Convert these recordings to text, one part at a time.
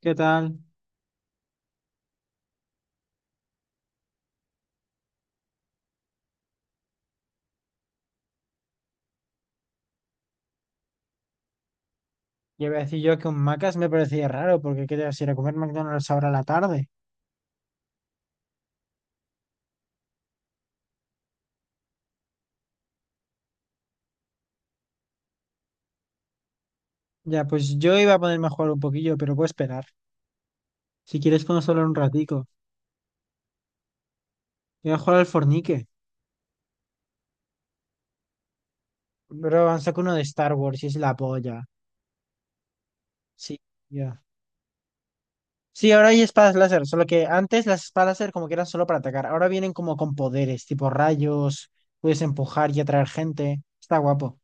¿Qué tal? Ya iba a decir yo que un Macas me parecía raro, porque qué te vas a ir a comer McDonald's ahora a la tarde. Ya, pues yo iba a ponerme a jugar un poquillo, pero puedo esperar. Si quieres podemos hablar un ratico. Voy a jugar al Fornique. Bro, han sacado uno de Star Wars y es la polla. Sí, ya. Sí, ahora hay espadas láser, solo que antes las espadas láser como que eran solo para atacar. Ahora vienen como con poderes, tipo rayos, puedes empujar y atraer gente. Está guapo.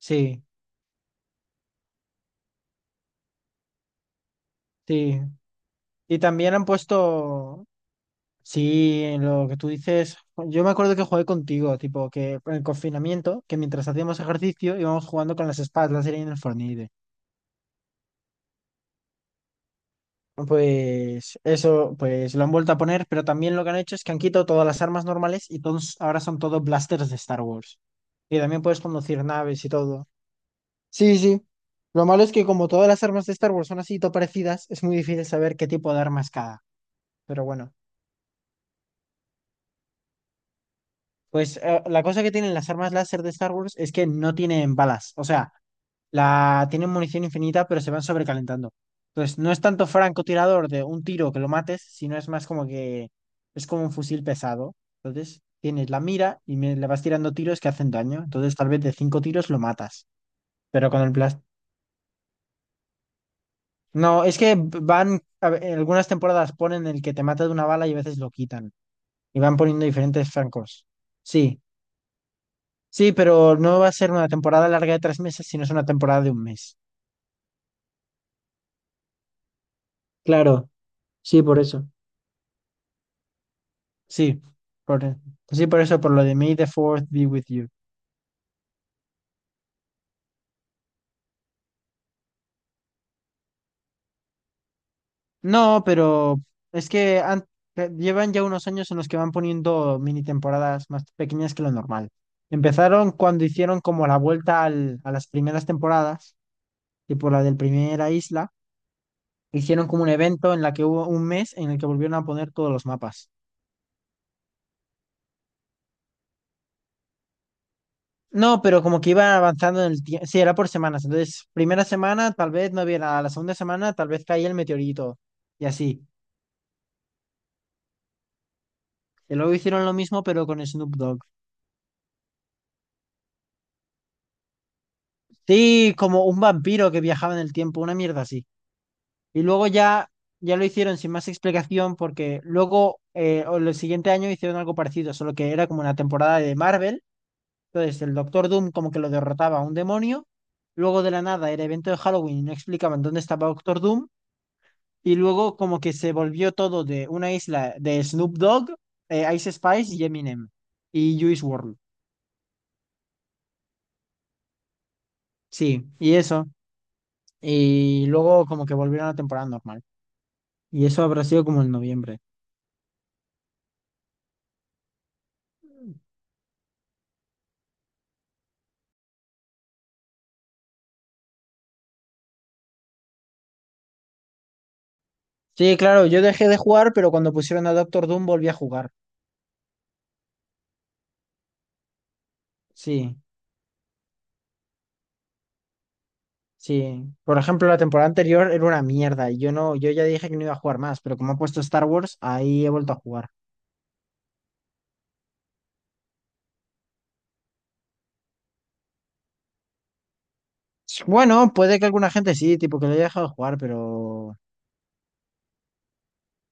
Sí, sí. Y también han puesto Sí, en lo que tú dices, yo me acuerdo que jugué contigo, tipo que en el confinamiento, que mientras hacíamos ejercicio íbamos jugando con las espadas láser y en el Fortnite. Pues eso, pues lo han vuelto a poner, pero también lo que han hecho es que han quitado todas las armas normales y todos, ahora son todos blasters de Star Wars. Y también puedes conducir naves y todo. Sí, sí. Lo malo es que como todas las armas de Star Wars son así todo parecidas, es muy difícil saber qué tipo de arma es cada. Pero bueno, pues la cosa que tienen las armas láser de Star Wars es que no tienen balas. O sea, la tienen munición infinita, pero se van sobrecalentando. Entonces, no es tanto francotirador de un tiro que lo mates, sino es más como que es como un fusil pesado. Entonces, tienes la mira y le vas tirando tiros que hacen daño. Entonces, tal vez de cinco tiros lo matas. Pero con el plástico. No, es que van, a ver, en algunas temporadas ponen el que te mata de una bala y a veces lo quitan. Y van poniendo diferentes francos. Sí, sí, pero no va a ser una temporada larga de 3 meses, sino es una temporada de un mes. Claro, sí, por eso. Sí, por, e, sí, por eso, por lo de May the Fourth be with you. No, pero es que llevan ya unos años en los que van poniendo mini temporadas más pequeñas que lo normal. Empezaron cuando hicieron como la vuelta a las primeras temporadas, tipo la del Primera Isla, hicieron como un evento en la que hubo un mes en el que volvieron a poner todos los mapas. No, pero como que iban avanzando en el tiempo. Sí, era por semanas. Entonces, primera semana tal vez no había nada, la segunda semana tal vez caía el meteorito y así. Y luego hicieron lo mismo, pero con Snoop Dogg. Sí, como un vampiro que viajaba en el tiempo, una mierda así. Y luego ya, ya lo hicieron sin más explicación, porque luego, o el siguiente año hicieron algo parecido, solo que era como una temporada de Marvel. Entonces, el Doctor Doom como que lo derrotaba a un demonio. Luego de la nada era evento de Halloween y no explicaban dónde estaba Doctor Doom. Y luego como que se volvió todo de una isla de Snoop Dogg, Ice Spice y Eminem y Juice WRLD. Sí, y eso. Y luego como que volvieron a temporada normal. Y eso habrá sido como en noviembre. Sí, claro, yo dejé de jugar, pero cuando pusieron a Doctor Doom volví a jugar. Sí, sí. Por ejemplo, la temporada anterior era una mierda y yo no, yo ya dije que no iba a jugar más, pero como ha puesto Star Wars, ahí he vuelto a jugar. Bueno, puede que alguna gente sí, tipo que lo haya dejado de jugar, pero.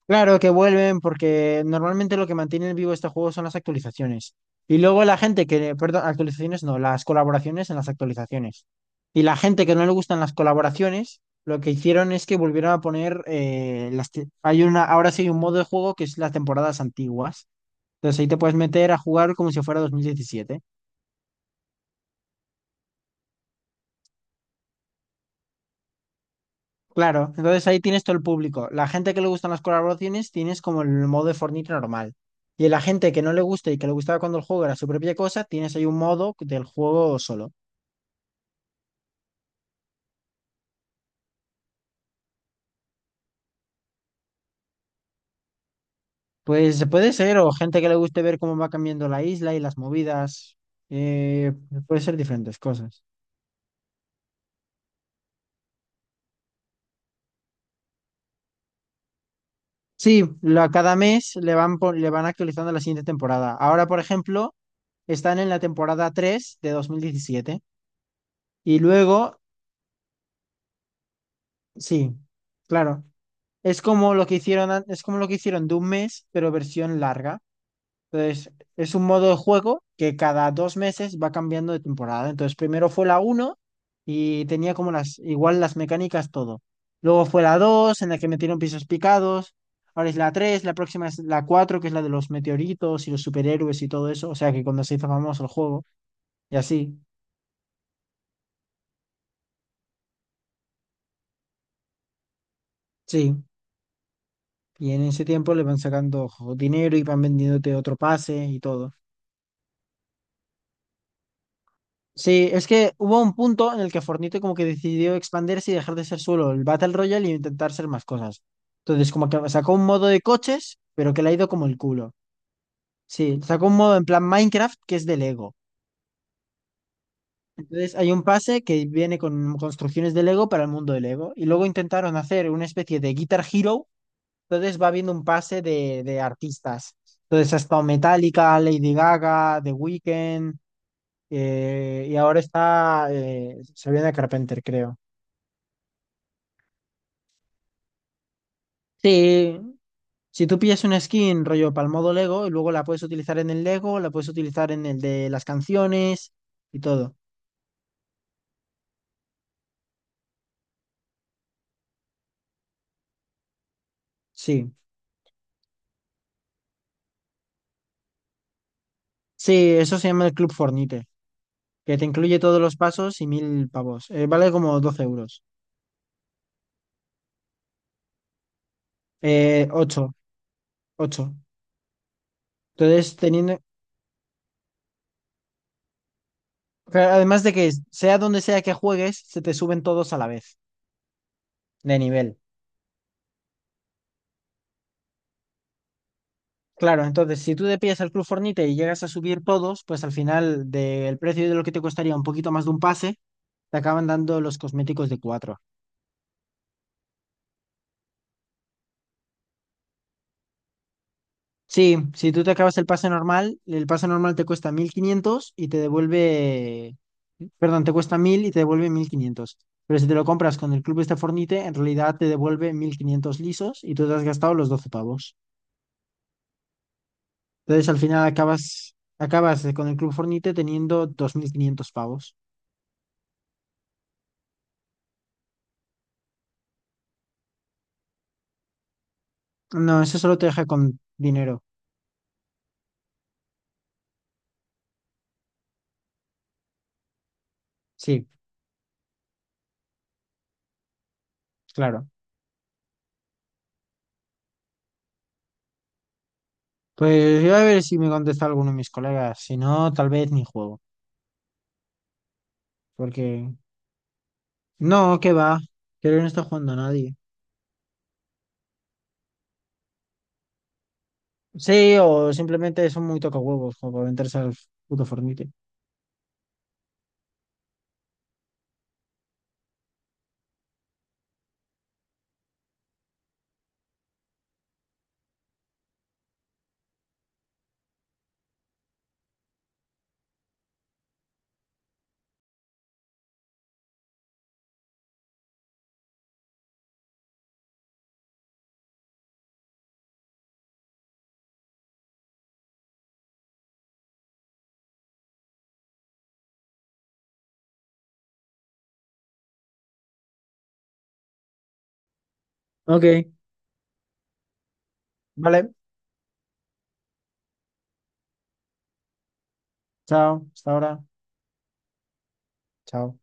Claro que vuelven porque normalmente lo que mantiene vivo este juego son las actualizaciones. Y luego la gente que, perdón, actualizaciones no, las colaboraciones en las actualizaciones. Y la gente que no le gustan las colaboraciones, lo que hicieron es que volvieron a poner hay una, ahora sí hay un modo de juego que es las temporadas antiguas. Entonces ahí te puedes meter a jugar como si fuera 2017. Claro, entonces ahí tienes todo el público. La gente que le gustan las colaboraciones tienes como el modo de Fortnite normal. Y la gente que no le gusta y que le gustaba cuando el juego era su propia cosa, tienes ahí un modo del juego solo. Pues puede ser, o gente que le guste ver cómo va cambiando la isla y las movidas. eh, Puede ser diferentes cosas. Sí, cada mes le van, le van actualizando la siguiente temporada. Ahora, por ejemplo, están en la temporada 3 de 2017. Y luego, sí, claro. Es como lo que hicieron de un mes, pero versión larga. Entonces, es un modo de juego que cada 2 meses va cambiando de temporada. Entonces, primero fue la uno y tenía como las, igual las mecánicas, todo. Luego fue la 2 en la que metieron pisos picados. Ahora es la tres, la próxima es la cuatro, que es la de los meteoritos y los superhéroes y todo eso. O sea que cuando se hizo famoso el juego, y así, sí. Y en ese tiempo le van sacando dinero y van vendiéndote otro pase y todo. Sí, es que hubo un punto en el que Fortnite como que decidió expandirse y dejar de ser solo el Battle Royale y intentar ser más cosas. Entonces, como que sacó un modo de coches, pero que le ha ido como el culo. Sí, sacó un modo en plan Minecraft que es de Lego. Entonces, hay un pase que viene con construcciones de Lego para el mundo de Lego. Y luego intentaron hacer una especie de Guitar Hero. Entonces, va habiendo un pase de artistas. Entonces, ha estado Metallica, Lady Gaga, The Weeknd. Y ahora está Sabrina Carpenter, creo. Sí, si tú pillas una skin rollo para el modo Lego y luego la puedes utilizar en el Lego, la puedes utilizar en el de las canciones y todo. Sí, sí, eso se llama el Club Fornite, que te incluye todos los pasos y 1.000 pavos. Vale como 12 euros. Ocho. 8. Entonces, teniendo, claro, además de que sea donde sea que juegues, se te suben todos a la vez de nivel. Claro, entonces si tú te pillas el Club Fornite y llegas a subir todos, pues al final del precio de lo que te costaría un poquito más de un pase te acaban dando los cosméticos de 4. Sí, si tú te acabas el pase normal te cuesta 1.500 y te devuelve, perdón, te cuesta 1.000 y te devuelve 1.500. Pero si te lo compras con el Club este Fornite, en realidad te devuelve 1.500 lisos y tú te has gastado los 12 pavos. Entonces al final acabas con el Club Fornite teniendo 2.500 pavos. No, eso solo te deja con dinero. Sí, claro. Pues voy a ver si me contesta alguno de mis colegas. Si no, tal vez ni juego. Porque No, que va. Creo que no está jugando a nadie. Sí, o simplemente son muy tocahuevos como para meterse al puto Fornite. Ok, vale. Chao. Hasta ahora. Chao.